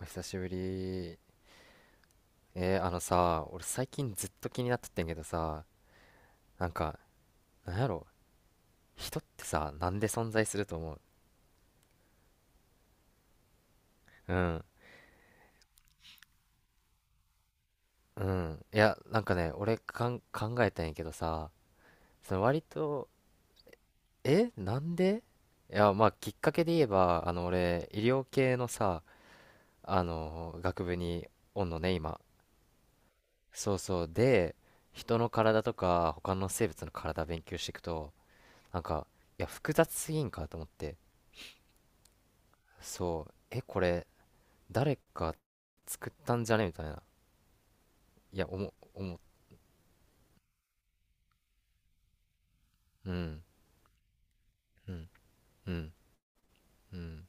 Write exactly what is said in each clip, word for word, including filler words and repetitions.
お久しぶり。えー、あのさ、俺最近ずっと気になってってんけどさ、なんか、なんやろ、人ってさ、なんで存在すると思う？うん、うん。いや、なんかね、俺かん考えたんやけどさ、その割と、え、なんで？いや、まあ、きっかけで言えば、あの、俺、医療系のさ、あの、学部におんのね、今。そうそう。で、人の体とか、他の生物の体勉強していくと、なんか、いや、複雑すぎんかと思って。そう、え、これ、誰か作ったんじゃねみたいな。いや、おも、おも、うん、うん、うん、うん。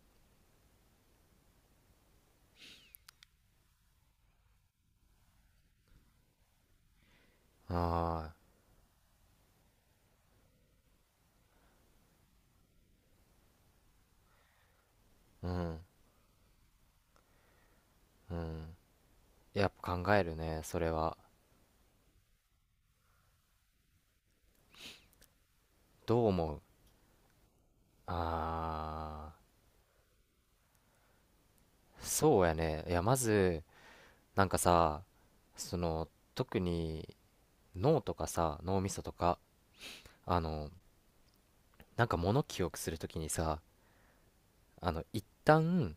ああ、うん、うん。やっぱ考えるね、それは。どう思う？ああ、そうやね。いや、まず、なんかさ、その、特に脳とかさ、脳みそとか、あの、なんか物記憶するときにさ、あの、一旦、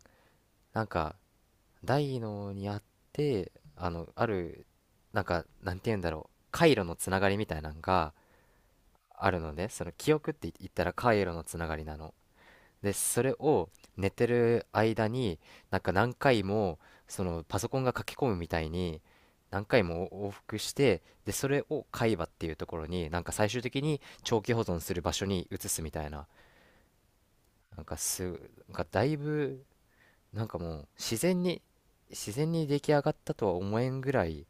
なんか大脳にあってあのあるなんかなんて言うんだろう回路のつながりみたいなのがあるので、その記憶って言ったら回路のつながりなので、それを寝てる間になんか何回も、そのパソコンが書き込むみたいに何回も往復して、でそれを海馬っていうところになんか最終的に長期保存する場所に移すみたいな。なんかすなんかだいぶ、なんかもう自然に自然に出来上がったとは思えんぐらい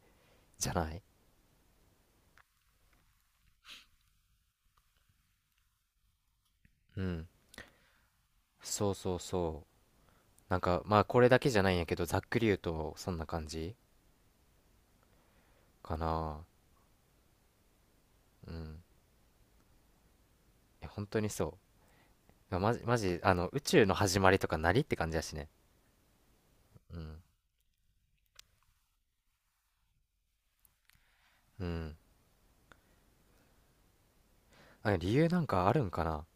じゃない？うん、そうそうそう。なんかまあこれだけじゃないんやけど、ざっくり言うとそんな感じかな。うん、いや本当にそうまじマジマジ、あの宇宙の始まりとかなりって感じやしね。うん、うん。あ、理由なんかあるんかな。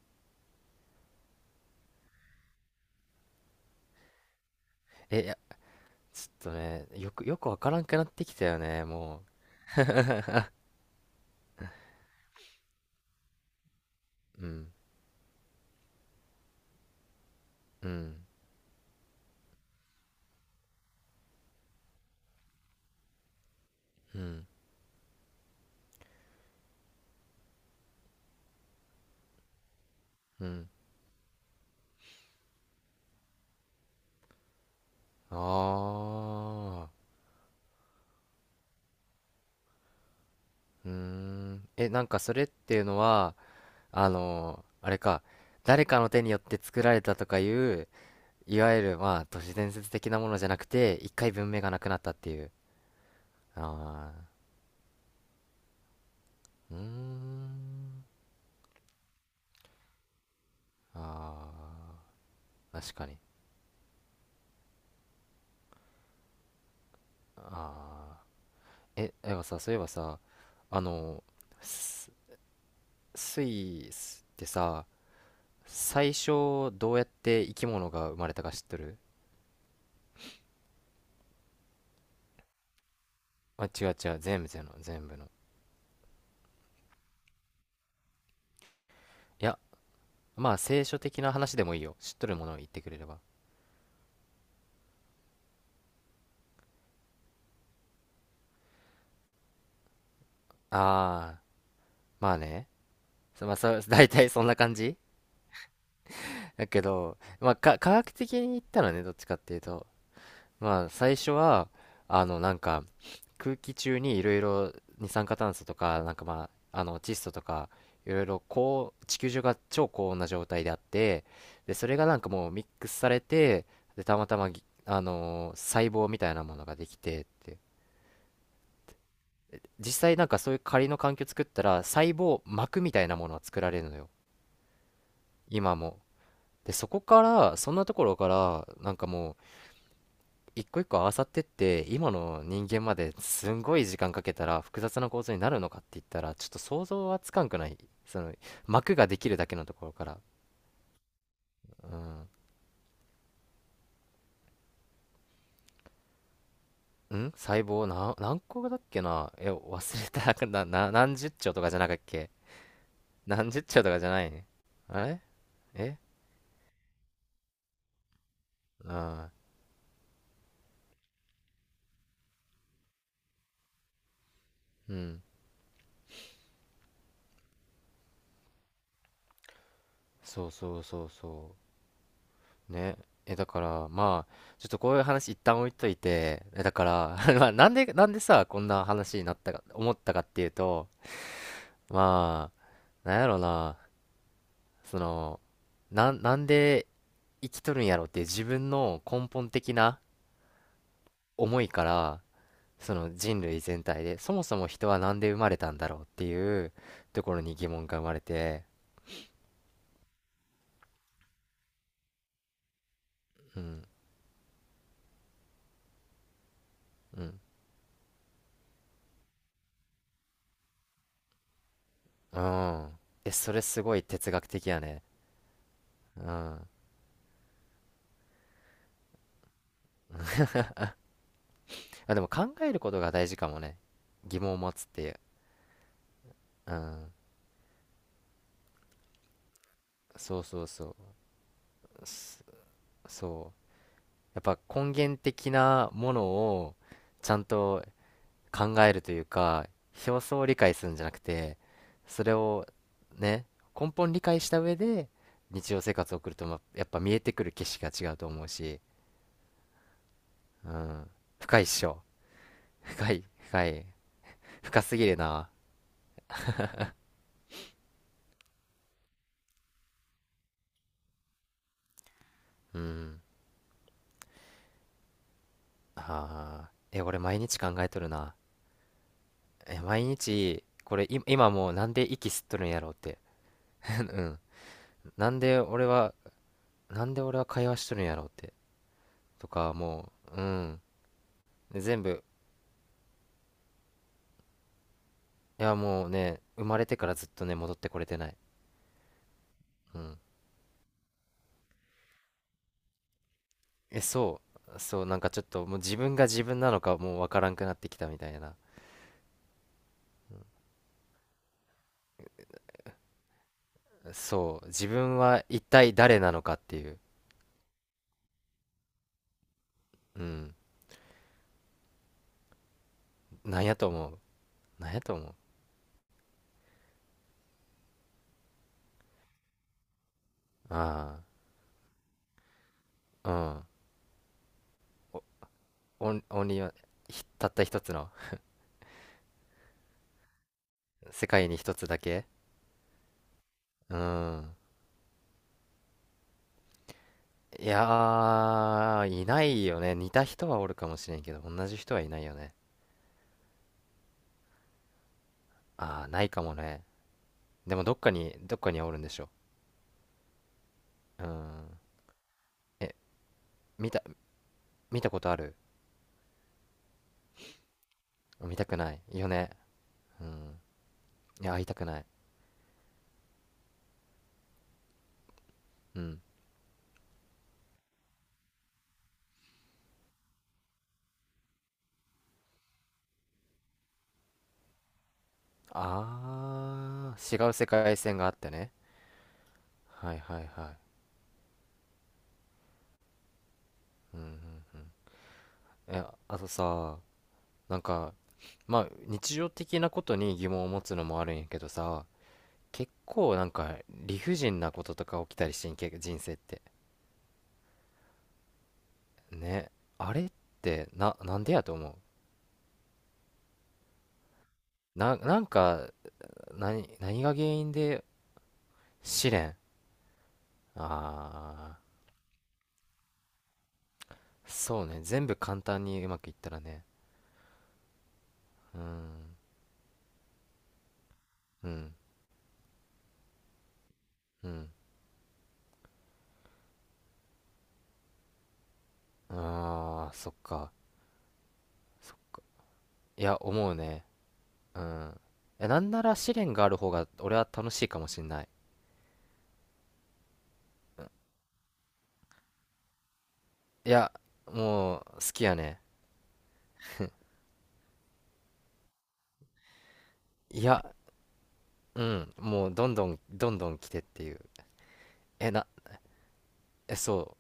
えいやちょっとね、よくよくわからんくなってきたよね、もう。うん、うん、うん、うん、ああー、うーん。え、なんかそれっていうのは、あのーあれか、誰かの手によって作られたとかいう、いわゆる、まあ、都市伝説的なものじゃなくて、一回文明がなくなったっていう。ああ、うーん。ああ、確かに。ああ。え、でもさ、そういえばさ、あの、ススイスってさ、最初どうやって生き物が生まれたか知っとる？あ、違う違う、全部、全部の、全部の。いや、まあ、聖書的な話でもいいよ。知っとるものを言ってくれれば。ああ、まあね。そまあ、そう、大体そんな感じだけど、まあ、か、科学的に言ったらね、どっちかっていうと、まあ、最初は、あの、なんか、空気中にいろいろ二酸化炭素とか、なんかまあ、あの、窒素とか、いろいろ高、地球上が超高温な状態であって、で、それがなんかもうミックスされて、で、たまたまぎ、あのー細胞みたいなものができてって。実際なんかそういう仮の環境作ったら細胞膜みたいなものは作られるのよ、今も。でそこから、そんなところからなんかもう一個一個合わさってって今の人間まで、すんごい時間かけたら複雑な構造になるのかって言ったら、ちょっと想像はつかんくない？その膜ができるだけのところから。うん、ん細胞、な何個だっけな。え、忘れた。 な、な何十兆とかじゃなかったっけ。何十兆とかじゃないね。あれ、えあ、うん、そうそうそうそうね。えだからまあちょっとこういう話一旦置いといて、えだから まあなんでなんでさこんな話になったか思ったかっていうと、まあなんやろうな、その、なんなんで生きとるんやろっていう自分の根本的な思いから、その人類全体でそもそも人はなんで生まれたんだろうっていうところに疑問が生まれて。うん、うん、うん。え、それすごい哲学的やね。うん。あ、でも考えることが大事かもね。疑問を持つっていう。うん。そうそうそう。すそう。やっぱ根源的なものをちゃんと考えるというか、表層を理解するんじゃなくて、それをね、根本理解した上で日常生活を送ると、まやっぱ見えてくる景色が違うと思うし、うん。深いっしょ。深い、深い。深すぎるな。うん。ああ。え、俺毎日考えとるな。え、毎日、これ、い今もう、なんで息吸っとるんやろうって。うん。なんで俺は、なんで俺は会話しとるんやろうって。とか、もう、うん。で全部、いや、もうね、生まれてからずっとね、戻ってこれてない。うん。え、そう。そう、なんかちょっと、もう自分が自分なのかもうわからんくなってきたみたいな。そう。自分は一体誰なのかっていう。うん。なんやと思う？なんやと思う？ああー。うん。お、オン、オンリーワン、ひたった一つの、世界に一つだけうん。いやー、いないよね。似た人はおるかもしれんけど、同じ人はいないよね。あー、ないかもね。でもどっかに、どっかにはおるんでしょ。うん。え、見た、見たことある？見たくない、よね。うん。いや、会いたくない。うん。あー、違う世界線があってね。はいはいはい。うんうんうん。え、あとさ、なんか、まあ、日常的なことに疑問を持つのもあるんやけどさ、結構なんか理不尽なこととか起きたりしてんけ、人生って。ね、あれってな、なんでやと思う？な、なんか、何、何が原因で。試練、ああー、そうね、全部簡単にうまくいったらね。うん、うん、うん。ああー、そっか。いや思うね。うん。え、なんなら試練がある方が俺は楽しいかもしんない。いや、もう好きやね。いや、うん、もうどんどんどんどん来てっていう。え、な、え、そ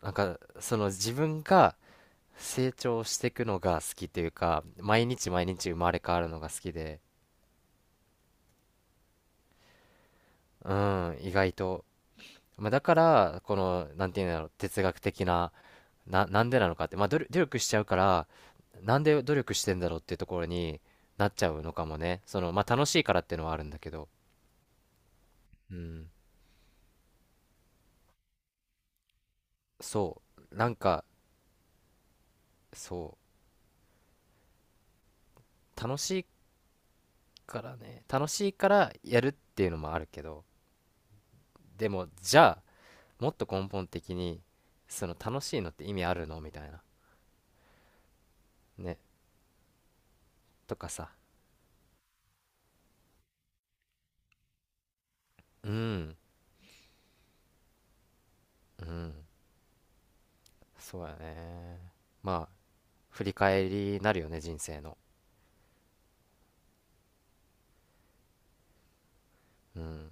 う。なんか、その自分が成長していくのが好きというか、毎日毎日生まれ変わるのが好きで、うん、意外と。まあ、だから、この、なんていうんだろう、哲学的な、な、なんでなのかって、まあ、努力努力しちゃうから、なんで努力してんだろうっていうところになっちゃうのかもね。その、まあ、楽しいからっていうのはあるんだけど、うん、そう。なんか、そう。楽しいからね、楽しいからやるっていうのもあるけど、でも、じゃあ、もっと根本的にその楽しいのって意味あるのみたいな、ね、とかさ。うん、うん、そうやね。まあ振り返りになるよね、人生の。うん、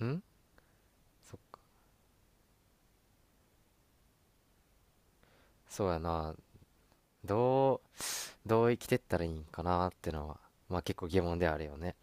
うん。そそうやな。どうどう生きてったらいいんかなってのは、まあ結構疑問ではあるよね。